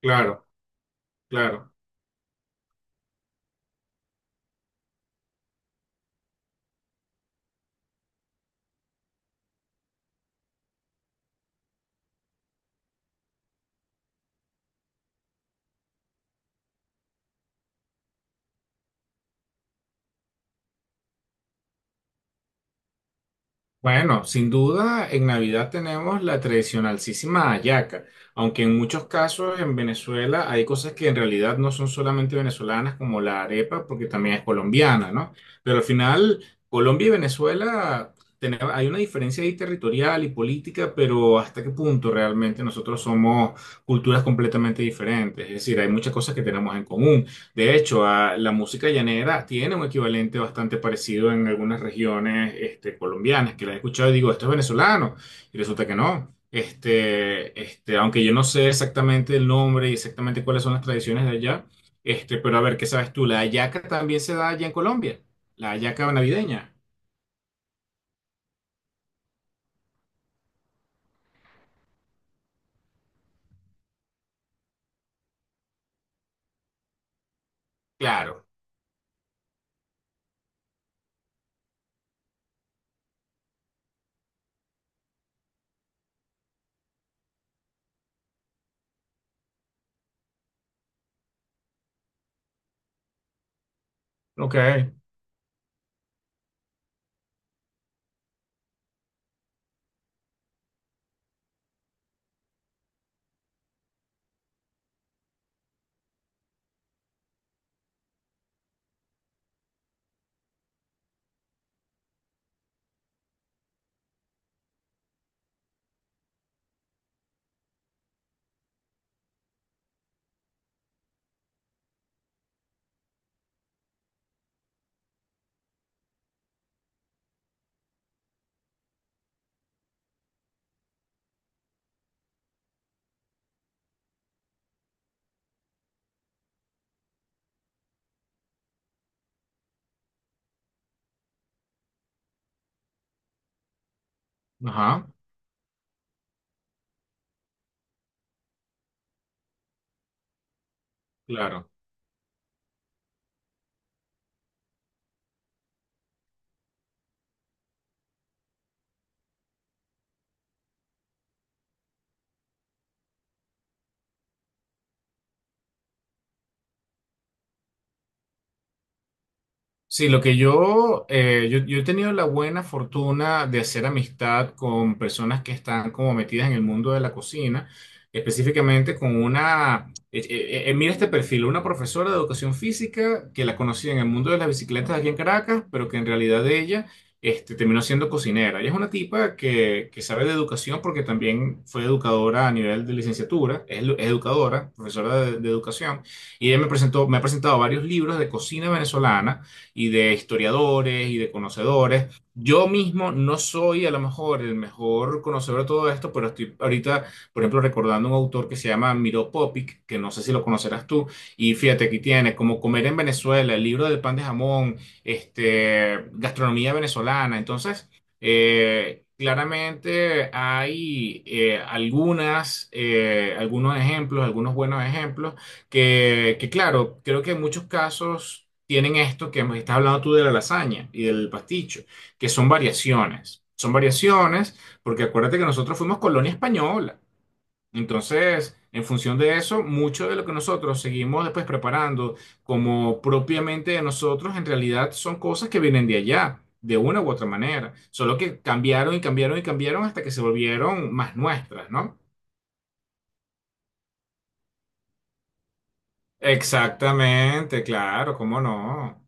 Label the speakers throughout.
Speaker 1: Claro, claro. Bueno, sin duda en Navidad tenemos la tradicionalísima hallaca, aunque en muchos casos en Venezuela hay cosas que en realidad no son solamente venezolanas como la arepa, porque también es colombiana, ¿no? Pero al final Colombia y Venezuela hay una diferencia ahí territorial y política, pero ¿hasta qué punto realmente nosotros somos culturas completamente diferentes? Es decir, hay muchas cosas que tenemos en común. De hecho, a la música llanera tiene un equivalente bastante parecido en algunas regiones colombianas, que la he escuchado y digo, esto es venezolano, y resulta que no. Aunque yo no sé exactamente el nombre y exactamente cuáles son las tradiciones de allá, pero a ver, ¿qué sabes tú? ¿La hallaca también se da allá en Colombia? ¿La hallaca navideña? Claro. Ok. Ajá, claro. Sí, lo que yo, yo he tenido la buena fortuna de hacer amistad con personas que están como metidas en el mundo de la cocina, específicamente con una, mira este perfil, una profesora de educación física que la conocí en el mundo de las bicicletas aquí en Caracas, pero que en realidad ella terminó siendo cocinera. Ella es una tipa que sabe de educación porque también fue educadora a nivel de licenciatura, es, es educadora, profesora de educación, y ella me presentó, me ha presentado varios libros de cocina venezolana y de historiadores y de conocedores. Yo mismo no soy a lo mejor el mejor conocedor de todo esto, pero estoy ahorita, por ejemplo, recordando un autor que se llama Miro Popic, que no sé si lo conocerás tú, y fíjate, aquí tiene como Comer en Venezuela, el libro del pan de jamón, gastronomía venezolana. Entonces, claramente hay algunas, algunos ejemplos, algunos buenos ejemplos, que claro, creo que en muchos casos tienen esto que me estás hablando tú de la lasaña y del pasticho, que son variaciones. Son variaciones porque acuérdate que nosotros fuimos colonia española. Entonces, en función de eso, mucho de lo que nosotros seguimos después preparando como propiamente de nosotros, en realidad son cosas que vienen de allá, de una u otra manera. Solo que cambiaron y cambiaron y cambiaron hasta que se volvieron más nuestras, ¿no? Exactamente, claro, cómo no.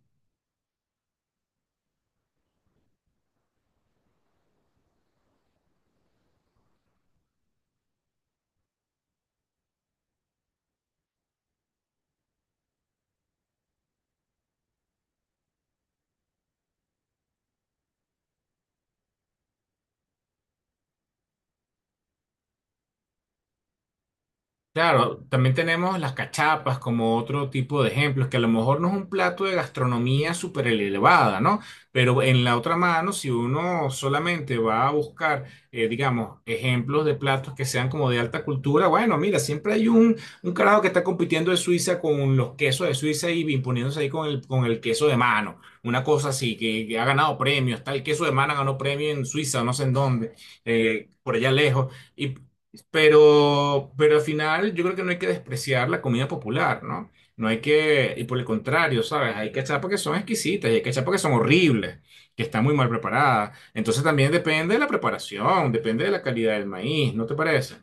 Speaker 1: Claro, también tenemos las cachapas como otro tipo de ejemplos, que a lo mejor no es un plato de gastronomía súper elevada, ¿no? Pero en la otra mano, si uno solamente va a buscar, digamos, ejemplos de platos que sean como de alta cultura, bueno, mira, siempre hay un carajo que está compitiendo de Suiza con los quesos de Suiza y imponiéndose ahí con con el queso de mano, una cosa así, que ha ganado premios, tal, el queso de mano ganó premio en Suiza, no sé en dónde, por allá lejos. Pero al final yo creo que no hay que despreciar la comida popular, ¿no? No hay que, y por el contrario, ¿sabes? Hay que echar porque son exquisitas y hay que echar porque son horribles, que están muy mal preparadas. Entonces también depende de la preparación, depende de la calidad del maíz, ¿no te parece?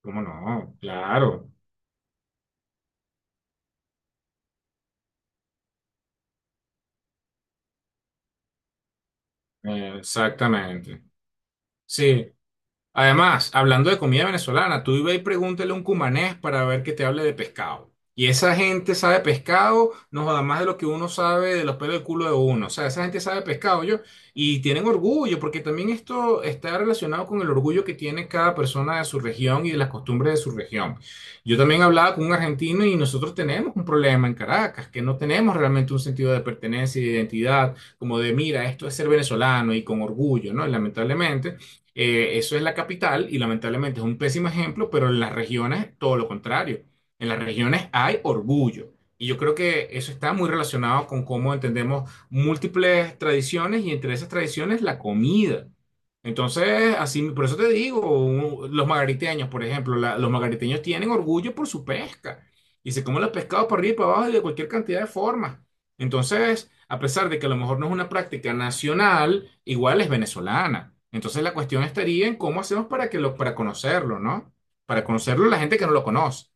Speaker 1: ¿Cómo no? Claro, exactamente. Sí, además, hablando de comida venezolana, tú ve y pregúntale a un cumanés para ver que te hable de pescado. Y esa gente sabe pescado, no joda más de lo que uno sabe de los pelos del culo de uno. O sea, esa gente sabe pescado, yo. Y tienen orgullo, porque también esto está relacionado con el orgullo que tiene cada persona de su región y de las costumbres de su región. Yo también hablaba con un argentino y nosotros tenemos un problema en Caracas, que no tenemos realmente un sentido de pertenencia y de identidad, como de, mira, esto es ser venezolano y con orgullo, ¿no? Lamentablemente. Eso es la capital y lamentablemente es un pésimo ejemplo, pero en las regiones todo lo contrario. En las regiones hay orgullo. Y yo creo que eso está muy relacionado con cómo entendemos múltiples tradiciones y entre esas tradiciones la comida. Entonces, así, por eso te digo, los margariteños, por ejemplo, los margariteños tienen orgullo por su pesca y se comen los pescados para arriba y para abajo y de cualquier cantidad de formas. Entonces, a pesar de que a lo mejor no es una práctica nacional, igual es venezolana. Entonces, la cuestión estaría en cómo hacemos para que lo, para conocerlo, ¿no? Para conocerlo la gente que no lo conoce.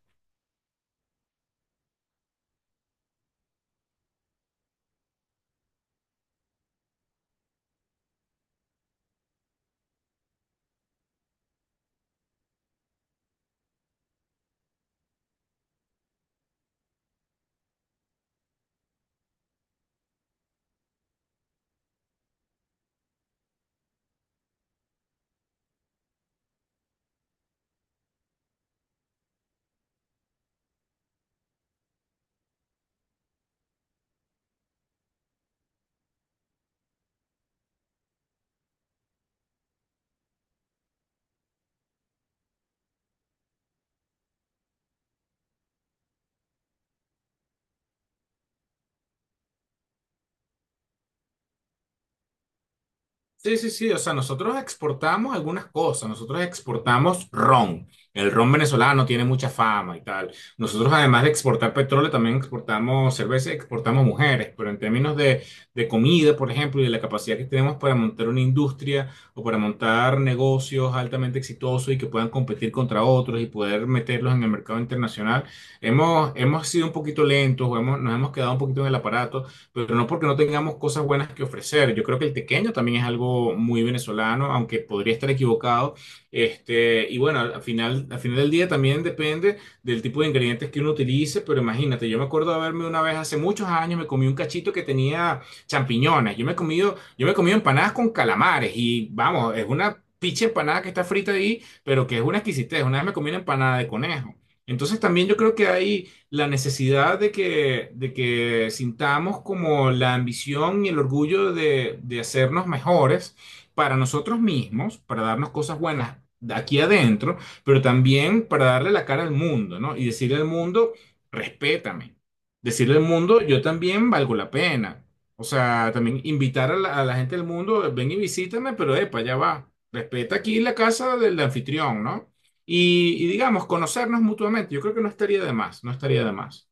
Speaker 1: Sí, sí, sí, o sea, nosotros exportamos algunas cosas, nosotros exportamos ron, el ron venezolano tiene mucha fama y tal. Nosotros además de exportar petróleo, también exportamos cerveza y exportamos mujeres, pero en términos de comida, por ejemplo, y de la capacidad que tenemos para montar una industria o para montar negocios altamente exitosos y que puedan competir contra otros y poder meterlos en el mercado internacional, hemos, hemos sido un poquito lentos o hemos, nos hemos quedado un poquito en el aparato, pero no porque no tengamos cosas buenas que ofrecer. Yo creo que el tequeño también es algo muy venezolano, aunque podría estar equivocado. Este, y bueno, al final del día también depende del tipo de ingredientes que uno utilice, pero imagínate, yo me acuerdo de haberme una vez hace muchos años, me comí un cachito que tenía champiñones. Yo me he comido empanadas con calamares y vamos, es una picha empanada que está frita ahí, pero que es una exquisitez. Una vez me comí una empanada de conejo. Entonces también yo creo que hay la necesidad de que sintamos como la ambición y el orgullo de hacernos mejores para nosotros mismos, para darnos cosas buenas de aquí adentro, pero también para darle la cara al mundo, ¿no? Y decirle al mundo, respétame. Decirle al mundo, yo también valgo la pena. O sea, también invitar a a la gente del mundo, ven y visítame, pero epa, ya va. Respeta aquí la casa del anfitrión, ¿no? Y digamos, conocernos mutuamente, yo creo que no estaría de más, no estaría de más.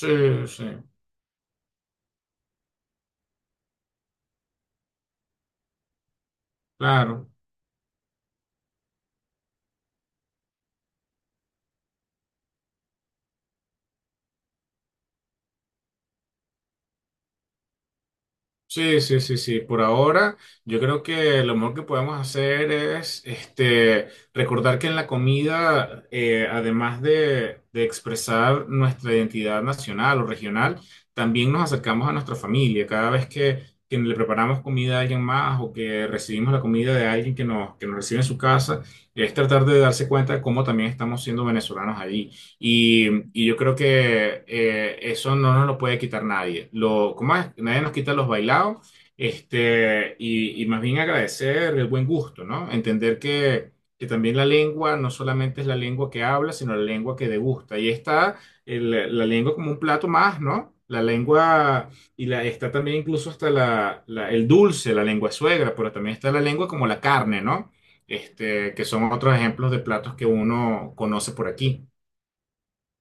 Speaker 1: Sí, sí, claro. Sí, sí, sí, sí. Por ahora, yo creo que lo mejor que podemos hacer es este, recordar que en la comida, además de expresar nuestra identidad nacional o regional, también nos acercamos a nuestra familia. Cada vez que le preparamos comida a alguien más o que recibimos la comida de alguien que nos recibe en su casa, es tratar de darse cuenta de cómo también estamos siendo venezolanos allí. Y yo creo que eso no nos lo puede quitar nadie. Lo, ¿cómo es? Nadie nos quita los bailados. Este, y más bien agradecer el buen gusto, ¿no? Entender que también la lengua no solamente es la lengua que habla, sino la lengua que degusta. Y está la lengua como un plato más, ¿no? La lengua, y la, está también incluso hasta el dulce, la lengua suegra, pero también está la lengua como la carne, ¿no? Este, que son otros ejemplos de platos que uno conoce por aquí.